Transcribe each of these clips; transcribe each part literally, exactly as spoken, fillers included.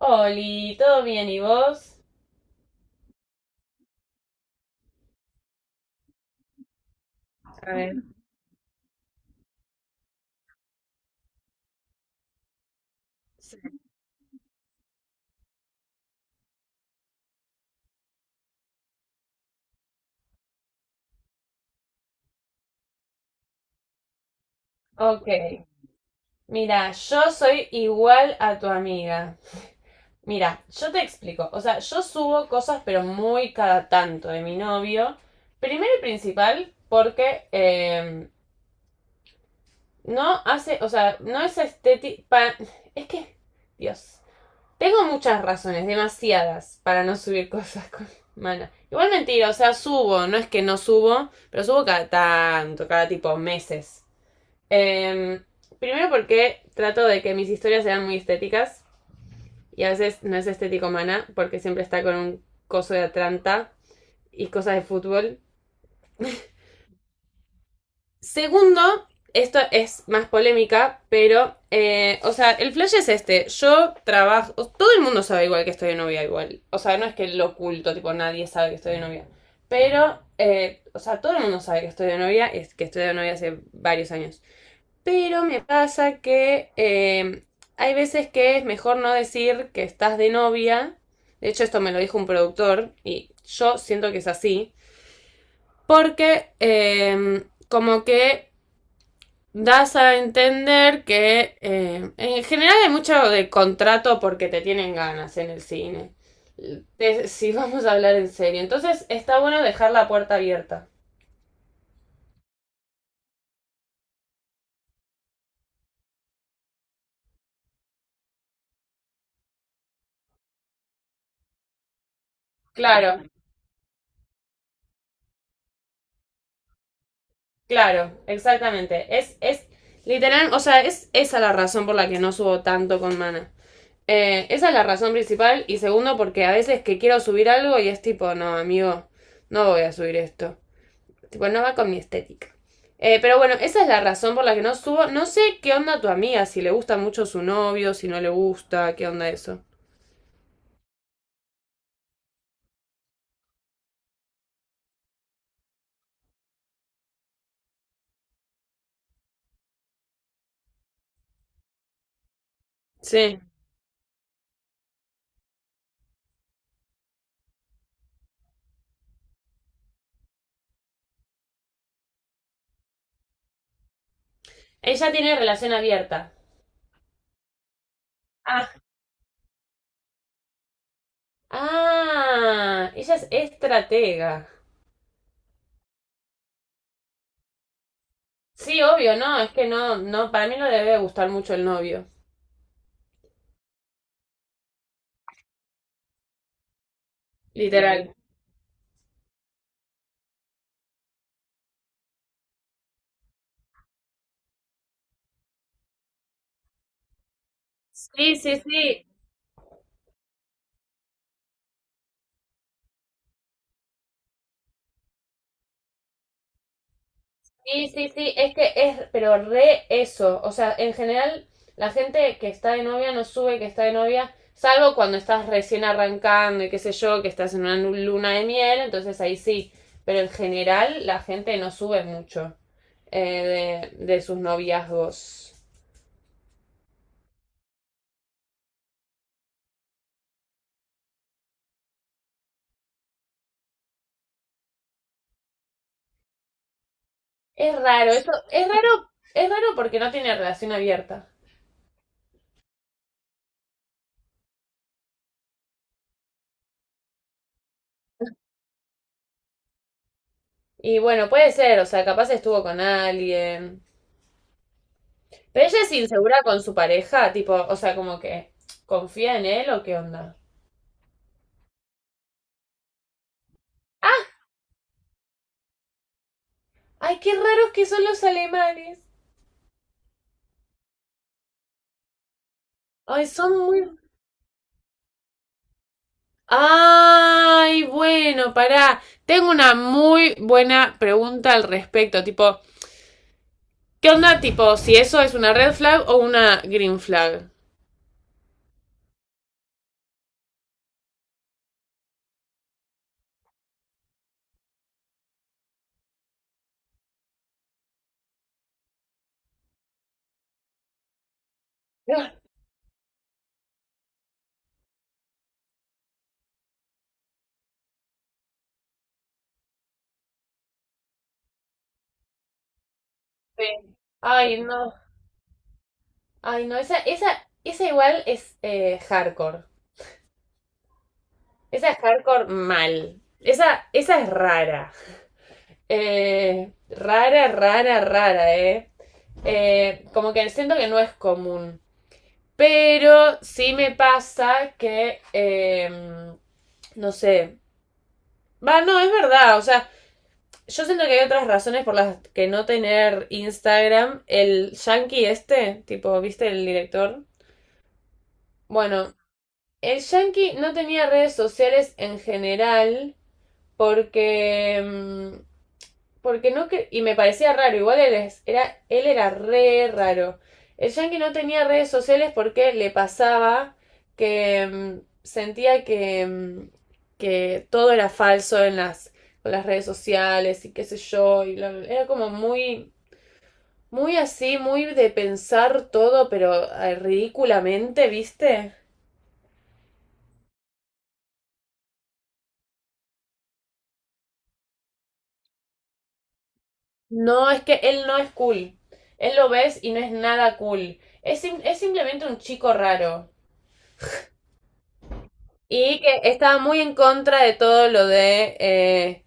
Oli, ¿todo bien y vos? Ok, mira, yo soy igual a tu amiga. Mira, yo te explico. O sea, yo subo cosas, pero muy cada tanto de mi novio. Primero y principal, porque eh, no hace, o sea, no es estético. Es que, Dios. Tengo muchas razones, demasiadas, para no subir cosas con Mana. Igual mentira, o sea, subo, no es que no subo, pero subo cada tanto, cada tipo meses. Em, Primero porque trato de que mis historias sean muy estéticas y a veces no es estético mana porque siempre está con un coso de Atlanta y cosas de fútbol. Segundo, esto es más polémica, pero, eh, o sea, el flash es este. Yo trabajo, todo el mundo sabe igual que estoy de novia igual. O sea, no es que lo oculto, tipo, nadie sabe que estoy de novia. Pero, eh, o sea, todo el mundo sabe que estoy de novia, es que estoy de novia hace varios años. Pero me pasa que eh, hay veces que es mejor no decir que estás de novia. De hecho, esto me lo dijo un productor y yo siento que es así. Porque eh, como que das a entender que eh, en general hay mucho de contrato porque te tienen ganas en el cine. Si vamos a hablar en serio. Entonces está bueno dejar la puerta abierta. Claro. Claro, exactamente. Es, es literal, o sea, es esa la razón por la que no subo tanto con Mana. Eh, esa es la razón principal y segundo porque a veces que quiero subir algo y es tipo, no, amigo, no voy a subir esto. Tipo, no va con mi estética. Eh, pero bueno, esa es la razón por la que no subo. No sé qué onda tu amiga, si le gusta mucho su novio, si no le gusta, qué onda eso. Sí. Ella tiene relación abierta. Ah. Ah, ella es estratega. Sí, obvio, no, es que no, no, para mí no le debe gustar mucho el novio, literal. Sí, sí, sí, sí, sí, sí, es que es, pero re eso, o sea, en general la gente que está de novia no sube que está de novia, salvo cuando estás recién arrancando y qué sé yo, que estás en una nu- luna de miel, entonces ahí sí, pero en general la gente no sube mucho eh, de, de sus noviazgos. Es raro, eso, es raro, es raro porque no tiene relación abierta. Y bueno, puede ser, o sea, capaz estuvo con alguien. Pero ella es insegura con su pareja, tipo, o sea, como que confía en él o qué onda. Ah, ay, qué raros que son los alemanes. Ay, son muy... Ay, bueno, pará. Tengo una muy buena pregunta al respecto, tipo, ¿qué onda, tipo, si eso es una red flag o una green flag? Ah, sí. Ay, no. Ay, no, esa, esa, esa igual es eh, hardcore. Esa es hardcore mal. Esa, esa es rara. Eh, rara, rara, rara, ¿eh? Eh, Como que siento que no es común. Pero sí me pasa que, eh, no sé. Va, no, es verdad. O sea, yo siento que hay otras razones por las que no tener Instagram. El yankee este, tipo, ¿viste el director? Bueno, el yankee no tenía redes sociales en general porque... mm, porque no que... Y me parecía raro, igual él, es- era, él era re raro. El Yankee no tenía redes sociales porque le pasaba que mm, sentía que, mm, que todo era falso en las, con las redes sociales y qué sé yo. Y bla, bla, bla. Era como muy, muy así, muy de pensar todo, pero eh, ridículamente, ¿viste? No, es que él no es cool. Él lo ves y no es nada cool. Es, es simplemente un chico raro. Y que estaba muy en contra de todo lo de eh,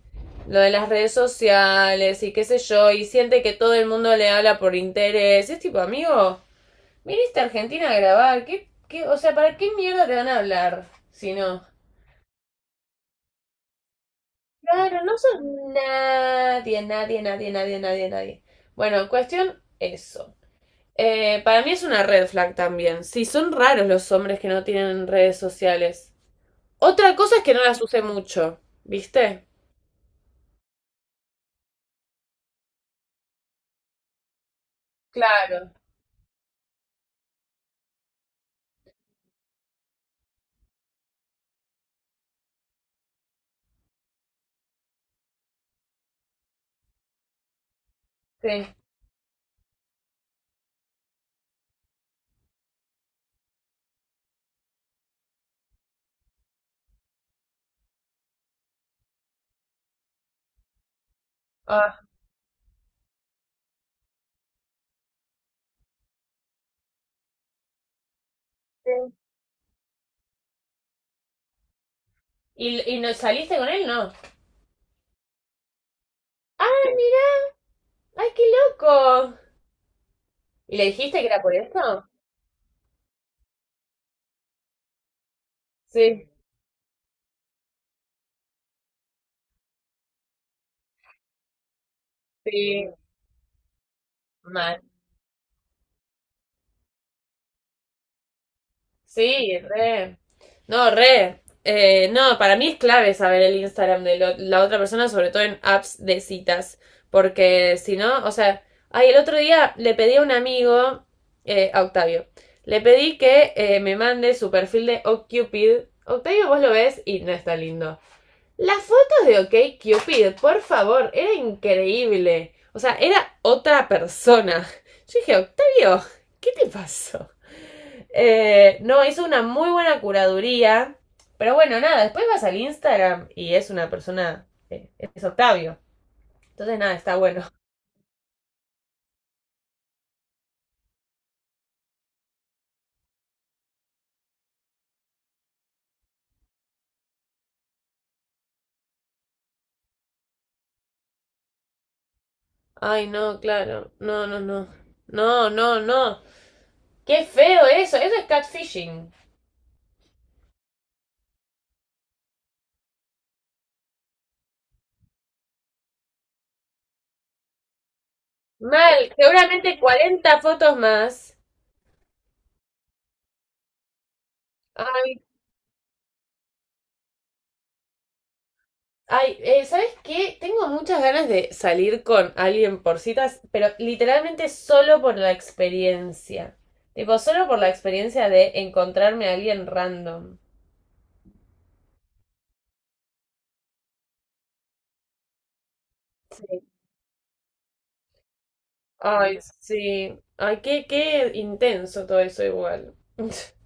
lo de las redes sociales y qué sé yo, y siente que todo el mundo le habla por interés. Es tipo, amigo, viniste a Argentina a grabar, ¿qué, qué, o sea, ¿para qué mierda te van a hablar si no? Claro, no son nadie, nadie, nadie, nadie, nadie, nadie. Bueno, cuestión eso. Eh, para mí es una red flag también. Sí, son raros los hombres que no tienen redes sociales. Otra cosa es que no las use mucho, ¿viste? Claro, sí. Ah. Sí. ¿Y, ¿Y no saliste con él? No. ¡Ah, mira! ¡Ay, qué loco! ¿Y le dijiste que era por eso? Sí, sí, mal. Sí, re. No, re. Eh, no, para mí es clave saber el Instagram de lo- la otra persona, sobre todo en apps de citas, porque si no, o sea, ay, el otro día le pedí a un amigo, eh, a Octavio, le pedí que eh, me mande su perfil de OkCupid. Octavio, vos lo ves y no está lindo. Las fotos de OK Cupid, por favor, era increíble. O sea, era otra persona. Yo dije, Octavio, ¿qué te pasó? Eh, no, hizo una muy buena curaduría. Pero bueno, nada, después vas al Instagram y es una persona, eh, es Octavio. Entonces nada, está bueno. Ay, no, claro. No, no, no. No, no, no. Qué feo eso. Eso es catfishing. Mal. Seguramente cuarenta fotos más. Ay, eh, ¿sabes qué? Tengo muchas ganas de salir con alguien por citas, pero literalmente solo por la experiencia. Tipo, solo por la experiencia de encontrarme a alguien random. Ay, sí. Ay, qué, qué intenso todo eso igual.